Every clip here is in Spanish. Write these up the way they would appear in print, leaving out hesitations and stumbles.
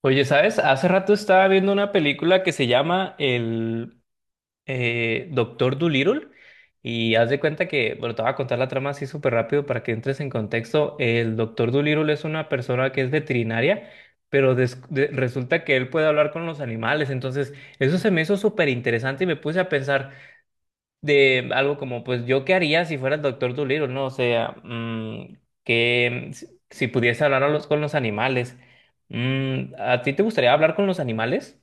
Oye, ¿sabes? Hace rato estaba viendo una película que se llama el Doctor Dolittle. Y haz de cuenta que, bueno, te voy a contar la trama así súper rápido para que entres en contexto. El Doctor Dolittle es una persona que es veterinaria, pero resulta que él puede hablar con los animales. Entonces, eso se me hizo súper interesante y me puse a pensar de algo como, pues yo qué haría si fuera el Doctor Dolittle, ¿no? O sea, que si pudiese hablar con los animales. ¿A ti te gustaría hablar con los animales?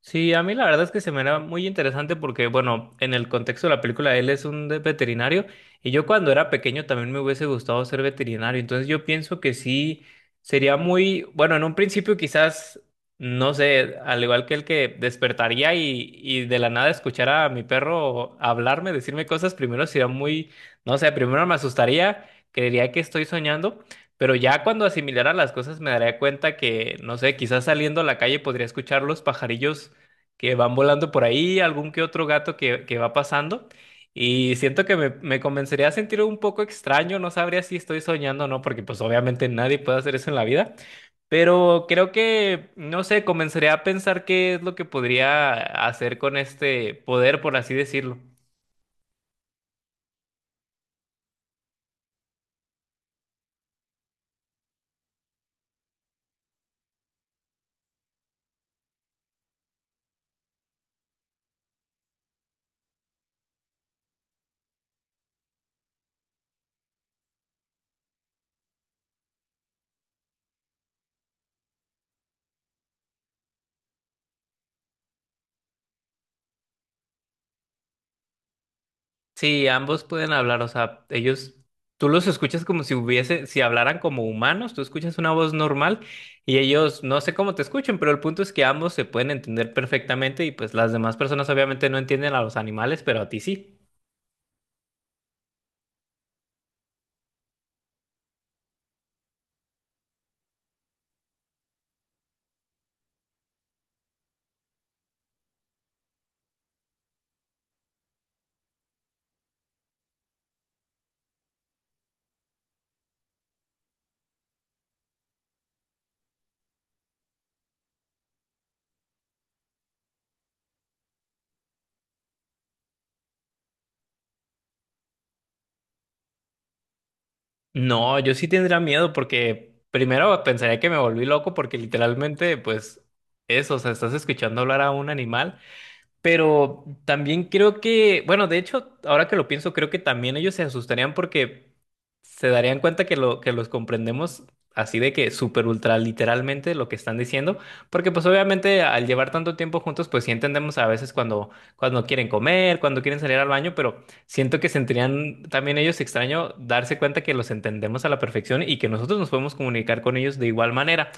Sí, a mí la verdad es que se me era muy interesante porque, bueno, en el contexto de la película, él es un veterinario, y yo cuando era pequeño también me hubiese gustado ser veterinario. Entonces yo pienso que sí, sería muy, bueno, en un principio quizás, no sé, al igual que el que despertaría y, de la nada escuchar a mi perro hablarme, decirme cosas, primero sería muy, no sé, primero me asustaría, creería que estoy soñando. Pero ya cuando asimilara las cosas me daría cuenta que, no sé, quizás saliendo a la calle podría escuchar los pajarillos que van volando por ahí, algún que otro gato que va pasando. Y siento que me comenzaría a sentir un poco extraño, no sabría si estoy soñando o no, porque pues obviamente nadie puede hacer eso en la vida. Pero creo que, no sé, comenzaría a pensar qué es lo que podría hacer con este poder, por así decirlo. Sí, ambos pueden hablar, o sea, ellos, tú los escuchas como si hubiese, si hablaran como humanos, tú escuchas una voz normal, y ellos, no sé cómo te escuchan, pero el punto es que ambos se pueden entender perfectamente y pues las demás personas obviamente no entienden a los animales, pero a ti sí. No, yo sí tendría miedo porque primero pensaría que me volví loco porque literalmente, pues, eso, o sea, estás escuchando hablar a un animal. Pero también creo que, bueno, de hecho, ahora que lo pienso, creo que también ellos se asustarían porque se darían cuenta que lo que los comprendemos así de que súper ultra literalmente lo que están diciendo, porque pues obviamente al llevar tanto tiempo juntos, pues sí entendemos a veces cuando quieren comer, cuando quieren salir al baño, pero siento que sentirían también ellos extraño darse cuenta que los entendemos a la perfección y que nosotros nos podemos comunicar con ellos de igual manera.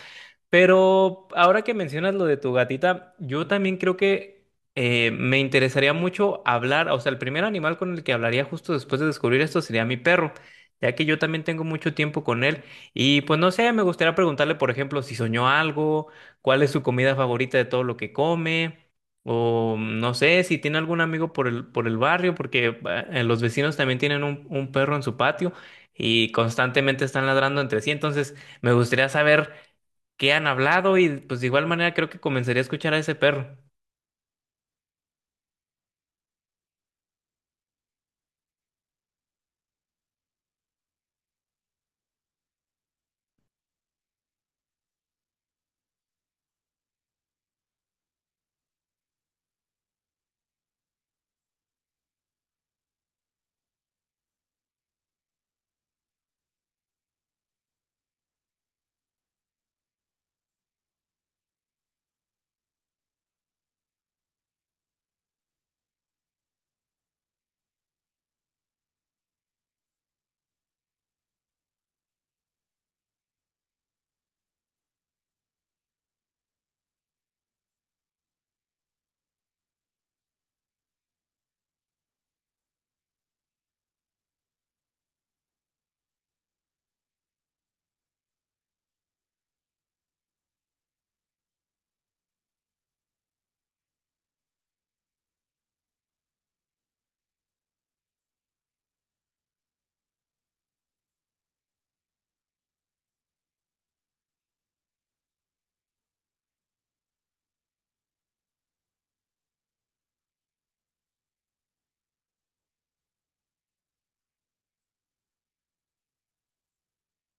Pero ahora que mencionas lo de tu gatita, yo también creo que me interesaría mucho hablar, o sea, el primer animal con el que hablaría justo después de descubrir esto sería mi perro, ya que yo también tengo mucho tiempo con él y pues no sé, me gustaría preguntarle, por ejemplo, si soñó algo, cuál es su comida favorita de todo lo que come, o no sé, si tiene algún amigo por el barrio, porque los vecinos también tienen un perro en su patio y constantemente están ladrando entre sí. Entonces me gustaría saber qué han hablado y pues de igual manera creo que comenzaría a escuchar a ese perro.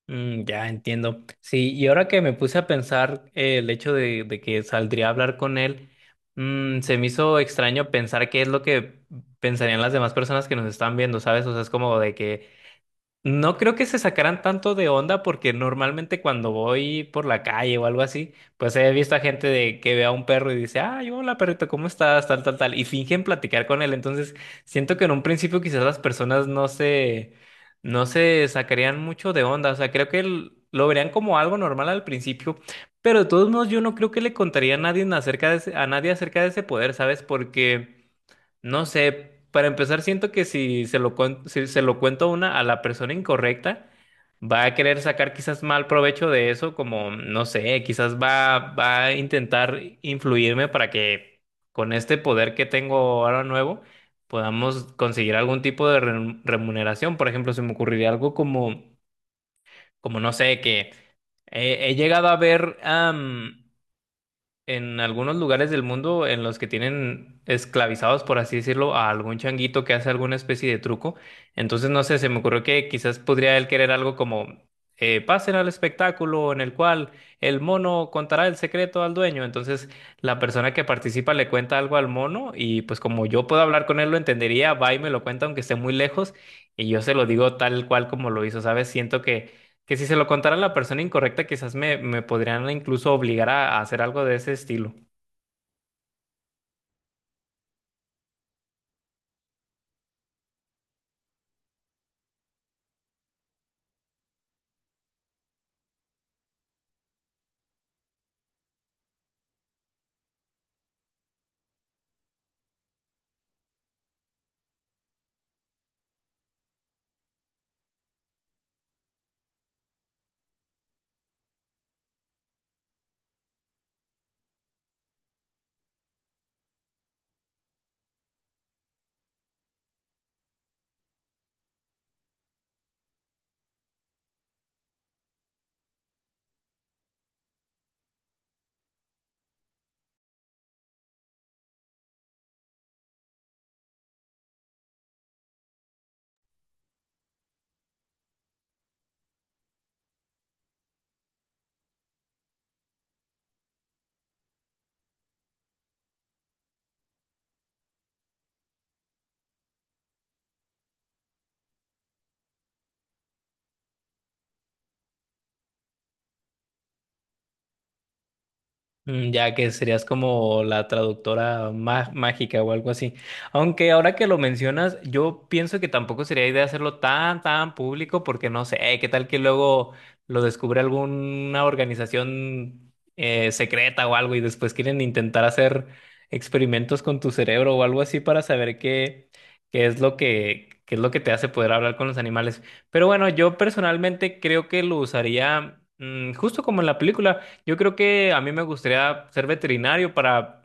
Mm, ya entiendo. Sí, y ahora que me puse a pensar el hecho de que saldría a hablar con él, se me hizo extraño pensar qué es lo que pensarían las demás personas que nos están viendo, ¿sabes? O sea, es como de que. No creo que se sacaran tanto de onda porque normalmente cuando voy por la calle o algo así, pues he visto a gente de que ve a un perro y dice, ay, hola perrito, ¿cómo estás? Tal, tal, tal, y fingen platicar con él. Entonces, siento que en un principio quizás las personas no se sacarían mucho de onda. O sea, creo que lo verían como algo normal al principio, pero de todos modos yo no creo que le contaría a nadie acerca de ese poder, ¿sabes? Porque... No sé, para empezar siento que si se lo cuento a la persona incorrecta, va a querer sacar quizás mal provecho de eso, como no sé, quizás va a intentar influirme para que con este poder que tengo ahora nuevo podamos conseguir algún tipo de remuneración. Por ejemplo, se me ocurriría algo como, no sé, que he llegado a ver en algunos lugares del mundo en los que tienen esclavizados, por así decirlo, a algún changuito que hace alguna especie de truco. Entonces, no sé, se me ocurrió que quizás podría él querer algo como pasen al espectáculo en el cual el mono contará el secreto al dueño. Entonces, la persona que participa le cuenta algo al mono y pues como yo puedo hablar con él, lo entendería, va y me lo cuenta aunque esté muy lejos, y yo se lo digo tal cual como lo hizo, ¿sabes? Siento que si se lo contara a la persona incorrecta, quizás me podrían incluso obligar a hacer algo de ese estilo. Mm, ya que serías como la traductora mágica o algo así. Aunque ahora que lo mencionas, yo pienso que tampoco sería idea hacerlo tan, tan público porque no sé, qué tal que luego lo descubre alguna organización secreta o algo y después quieren intentar hacer experimentos con tu cerebro o algo así para saber qué es lo que te hace poder hablar con los animales. Pero bueno, yo personalmente creo que lo usaría, justo como en la película. Yo creo que a mí me gustaría ser veterinario para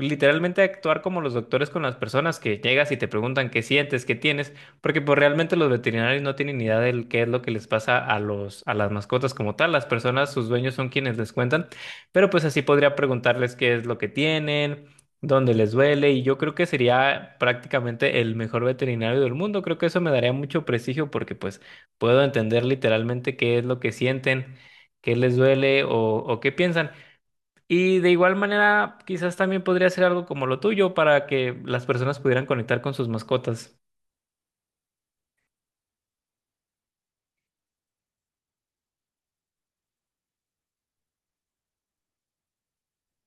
literalmente actuar como los doctores con las personas que llegas y te preguntan qué sientes, qué tienes, porque pues realmente los veterinarios no tienen ni idea de qué es lo que les pasa a las mascotas como tal. Las personas, sus dueños, son quienes les cuentan, pero pues así podría preguntarles qué es lo que tienen, dónde les duele, y yo creo que sería prácticamente el mejor veterinario del mundo. Creo que eso me daría mucho prestigio porque pues puedo entender literalmente qué es lo que sienten, qué les duele o qué piensan. Y de igual manera, quizás también podría ser algo como lo tuyo para que las personas pudieran conectar con sus mascotas.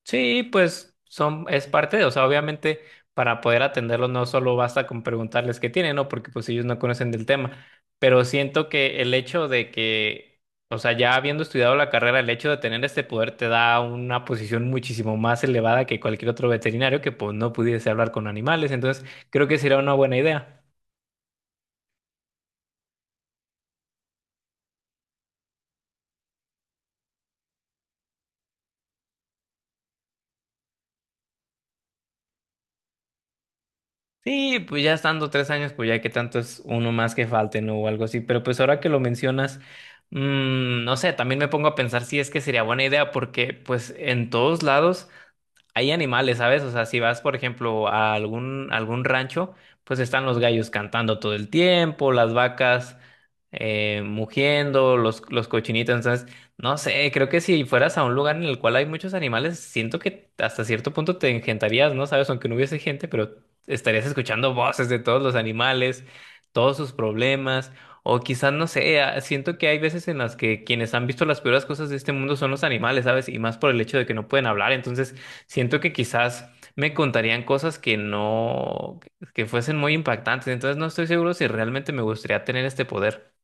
Sí, pues son, es parte de, o sea, obviamente para poder atenderlos no solo basta con preguntarles qué tienen, ¿no? Porque pues ellos no conocen del tema. Pero siento que el hecho de que, o sea, ya habiendo estudiado la carrera, el hecho de tener este poder te da una posición muchísimo más elevada que cualquier otro veterinario que pues no pudiese hablar con animales. Entonces, creo que sería una buena idea. Sí, pues ya estando 3 años, pues ya que tanto es uno más que falte, ¿no? O algo así. Pero pues ahora que lo mencionas, no sé, también me pongo a pensar si es que sería buena idea, porque pues en todos lados hay animales, ¿sabes? O sea, si vas, por ejemplo, a algún, algún rancho, pues están los gallos cantando todo el tiempo, las vacas mugiendo, los cochinitos. Entonces, no sé, creo que si fueras a un lugar en el cual hay muchos animales, siento que hasta cierto punto te engentarías, ¿no? ¿Sabes? Aunque no hubiese gente, pero estarías escuchando voces de todos los animales, todos sus problemas, o quizás, no sé, siento que hay veces en las que quienes han visto las peores cosas de este mundo son los animales, ¿sabes? Y más por el hecho de que no pueden hablar, entonces siento que quizás me contarían cosas que no, que fuesen muy impactantes. Entonces no estoy seguro si realmente me gustaría tener este poder.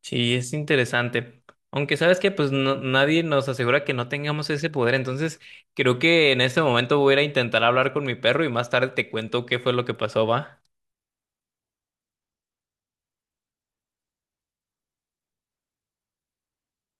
Sí, es interesante. Aunque sabes que pues nadie nos asegura que no tengamos ese poder, entonces creo que en este momento voy a ir a intentar hablar con mi perro y más tarde te cuento qué fue lo que pasó, ¿va?